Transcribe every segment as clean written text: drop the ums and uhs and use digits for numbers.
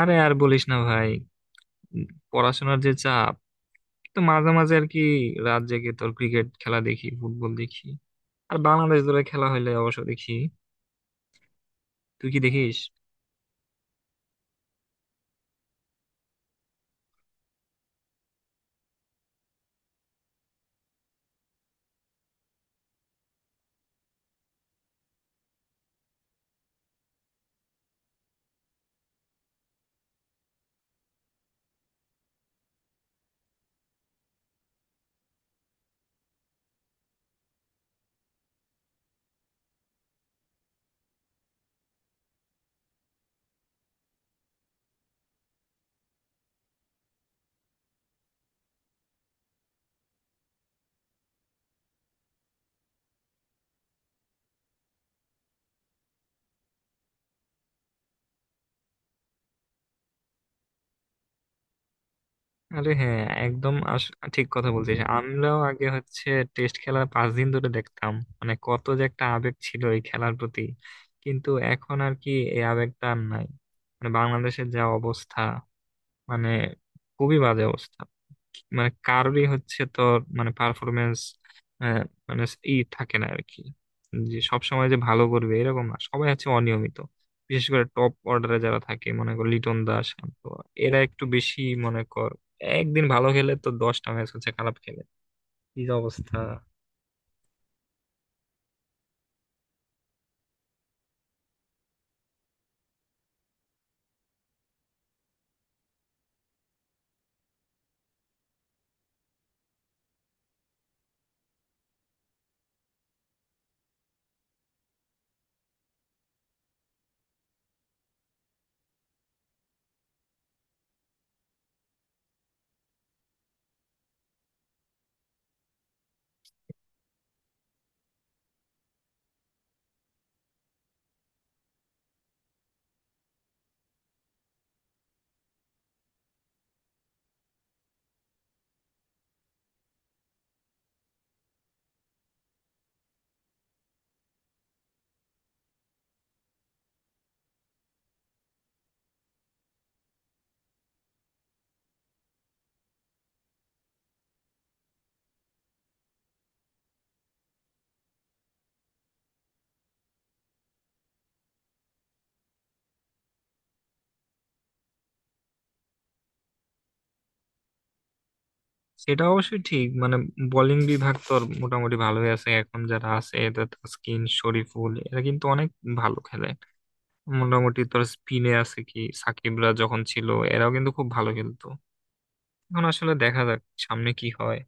আরে আর বলিস না ভাই, উম, পড়াশোনার যে চাপ, তো মাঝে মাঝে আর কি রাত জেগে তোর ক্রিকেট খেলা দেখি, ফুটবল দেখি। আর বাংলাদেশ দলের খেলা হইলে অবশ্য দেখি। তুই কি দেখিস? আরে হ্যাঁ, একদম ঠিক কথা বলছিস। আমরাও আগে হচ্ছে টেস্ট খেলার 5 দিন ধরে দেখতাম। মানে কত যে একটা আবেগ ছিল এই খেলার প্রতি, কিন্তু এখন আর কি এই আবেগটা আর নাই। মানে বাংলাদেশের যা অবস্থা, মানে খুবই বাজে অবস্থা। মানে কারোরই হচ্ছে তোর মানে পারফরমেন্স মানে ই থাকে না আর কি। যে সবসময় যে ভালো করবে এরকম না, সবাই হচ্ছে অনিয়মিত। বিশেষ করে টপ অর্ডারে যারা থাকে, মনে কর লিটন দাস, শান্ত, এরা একটু বেশি। মনে কর একদিন ভালো খেলে তো 10টা ম্যাচ হচ্ছে খারাপ খেলে। কি যে অবস্থা! সেটা অবশ্যই ঠিক। মানে বোলিং বিভাগ তো মোটামুটি ভালোই আছে, এখন যারা আছে এদের তাসকিন, শরীফুল এরা কিন্তু অনেক ভালো খেলে। মোটামুটি তোর স্পিনে আছে কি, সাকিবরা যখন ছিল, এরাও কিন্তু খুব ভালো খেলতো। এখন আসলে দেখা যাক সামনে কি হয়।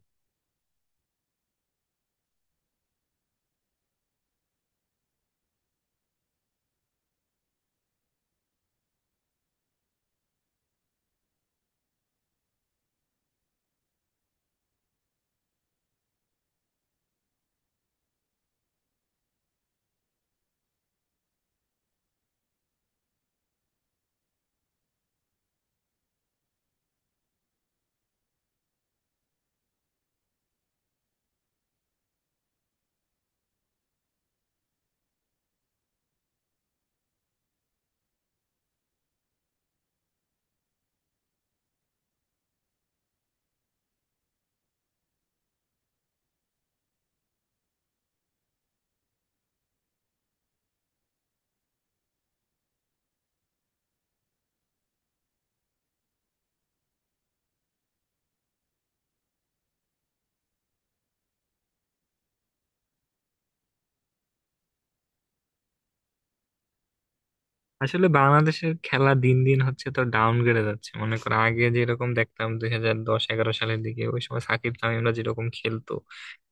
আসলে বাংলাদেশের খেলা দিন দিন হচ্ছে তো ডাউনগ্রেডে যাচ্ছে। মনে করো আগে যেরকম দেখতাম 2010-11 সালের দিকে, ওই সময় সাকিব তামিমরা যেরকম খেলতো,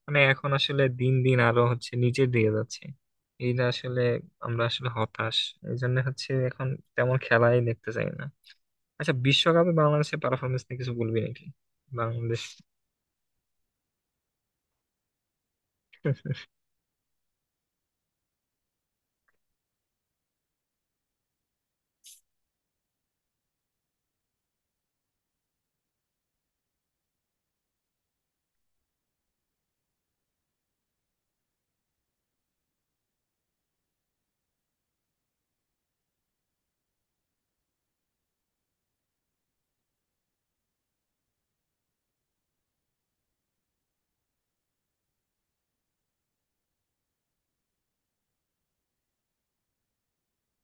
মানে এখন আসলে দিন দিন আরো হচ্ছে নিচের দিকে যাচ্ছে। এইটা আসলে আমরা আসলে হতাশ। এই জন্য হচ্ছে এখন তেমন খেলাই দেখতে চাই না। আচ্ছা, বিশ্বকাপে বাংলাদেশের পারফরমেন্স নিয়ে কিছু বলবি নাকি? বাংলাদেশ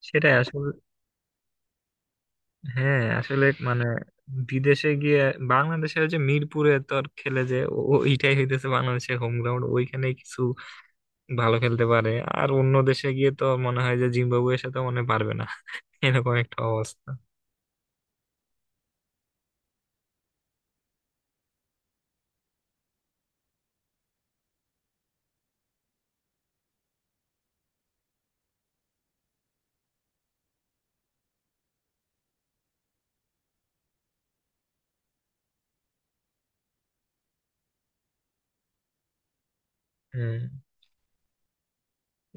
সেটাই আসলে। হ্যাঁ আসলে মানে বিদেশে গিয়ে বাংলাদেশের যে মিরপুরে তো আর খেলে, যে ওইটাই হইতেছে বাংলাদেশের হোম গ্রাউন্ড, ওইখানে কিছু ভালো খেলতে পারে। আর অন্য দেশে গিয়ে তো মনে হয় যে জিম্বাবুয়ের সাথে মনে হয় পারবে না এরকম একটা অবস্থা। হম।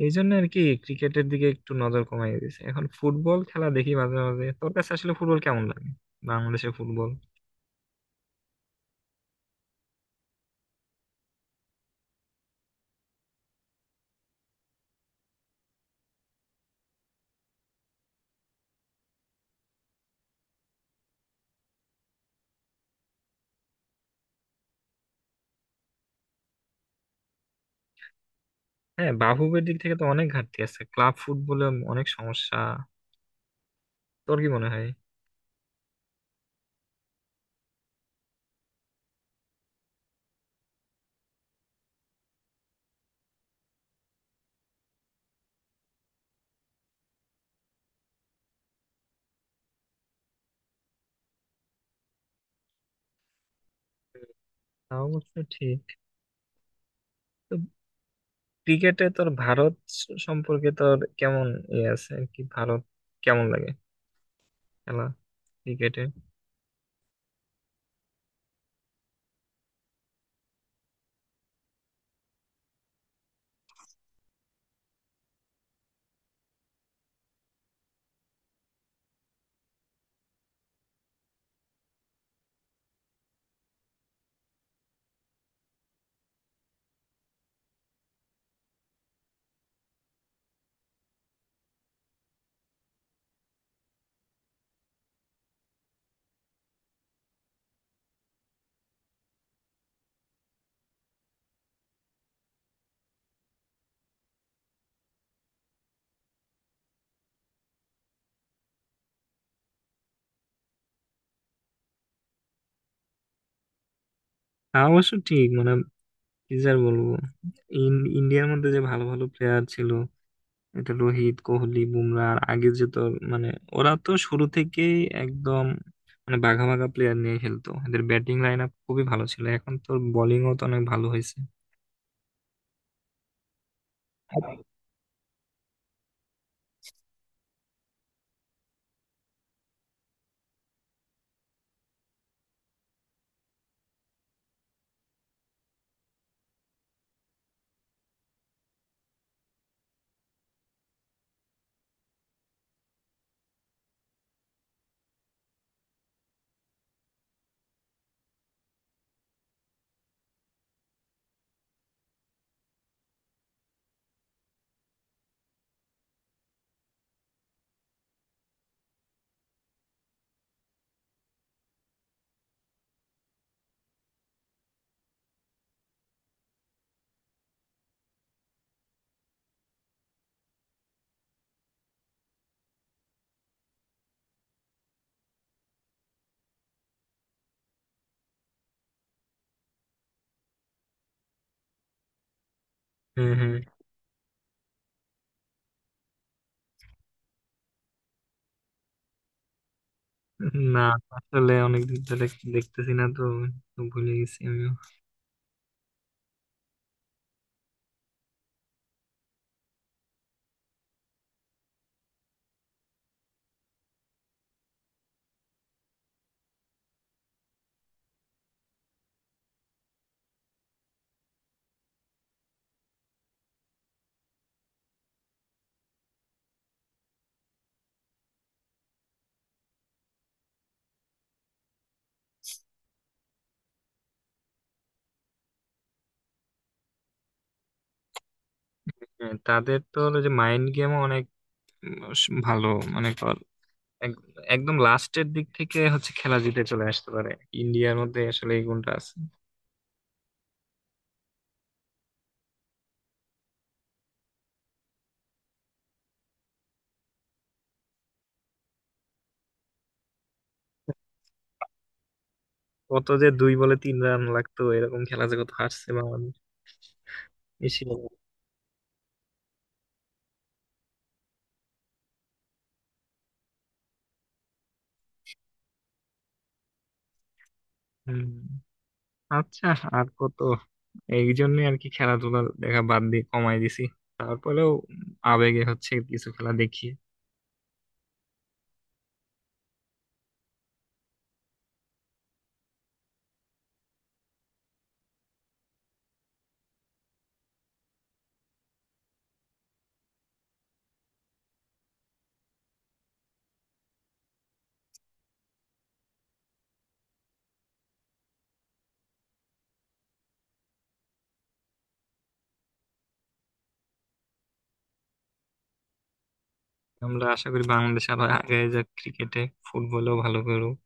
এই জন্য আর কি ক্রিকেটের দিকে একটু নজর কমাই দিয়েছে, এখন ফুটবল খেলা দেখি মাঝে মাঝে। তোর কাছে আসলে ফুটবল কেমন লাগে? বাংলাদেশের ফুটবল। হ্যাঁ, বাফুফের দিক থেকে তো অনেক ঘাটতি আছে, ক্লাব ফুটবলে অনেক সমস্যা। তোর কি মনে হয়? তাও অবশ্য ঠিক। তো ক্রিকেটে তোর ভারত সম্পর্কে তোর কেমন ইয়ে আছে আর কি? ভারত কেমন লাগে খেলা ক্রিকেটে? হ্যাঁ, অবশ্য ঠিক। মানে কি যে আর বলবো, ইন্ডিয়ার মধ্যে যে ভালো ভালো প্লেয়ার ছিল, এটা রোহিত, কোহলি, বুমরা। আর আগে যে তোর মানে ওরা তো শুরু থেকেই একদম মানে বাঘা বাঘা প্লেয়ার নিয়ে খেলতো, এদের ব্যাটিং লাইন আপ খুবই ভালো ছিল। এখন তোর বোলিংও তো অনেক ভালো হয়েছে। হ্যাঁ, হ্যাঁ। না, আসলে অনেকদিন ধরে দেখতেছি না তো, তো ভুলে গেছি আমি। হ্যাঁ, তাদের তো হলো যে মাইন্ড গেমও অনেক ভালো। মনে কর এক- একদম লাস্টের দিক থেকে হচ্ছে খেলা জিতে চলে আসতে পারে। ইন্ডিয়ার মধ্যে আসলে এই গুণটা আছে। কত যে 2 বলে 3 রান লাগতো, এরকম খেলা যে কত হারছে বাংলাদেশ এশিয়া কাপে। হুম। আচ্ছা, আর কত! এই জন্য আর কি খেলাধুলা দেখা বাদ দিয়ে কমাই দিছি। তারপরেও আবেগে হচ্ছে কিছু খেলা দেখি। আমরা আশা করি বাংলাদেশ আরো আগে যাক ক্রিকেটে, ফুটবলেও ভালো করুক।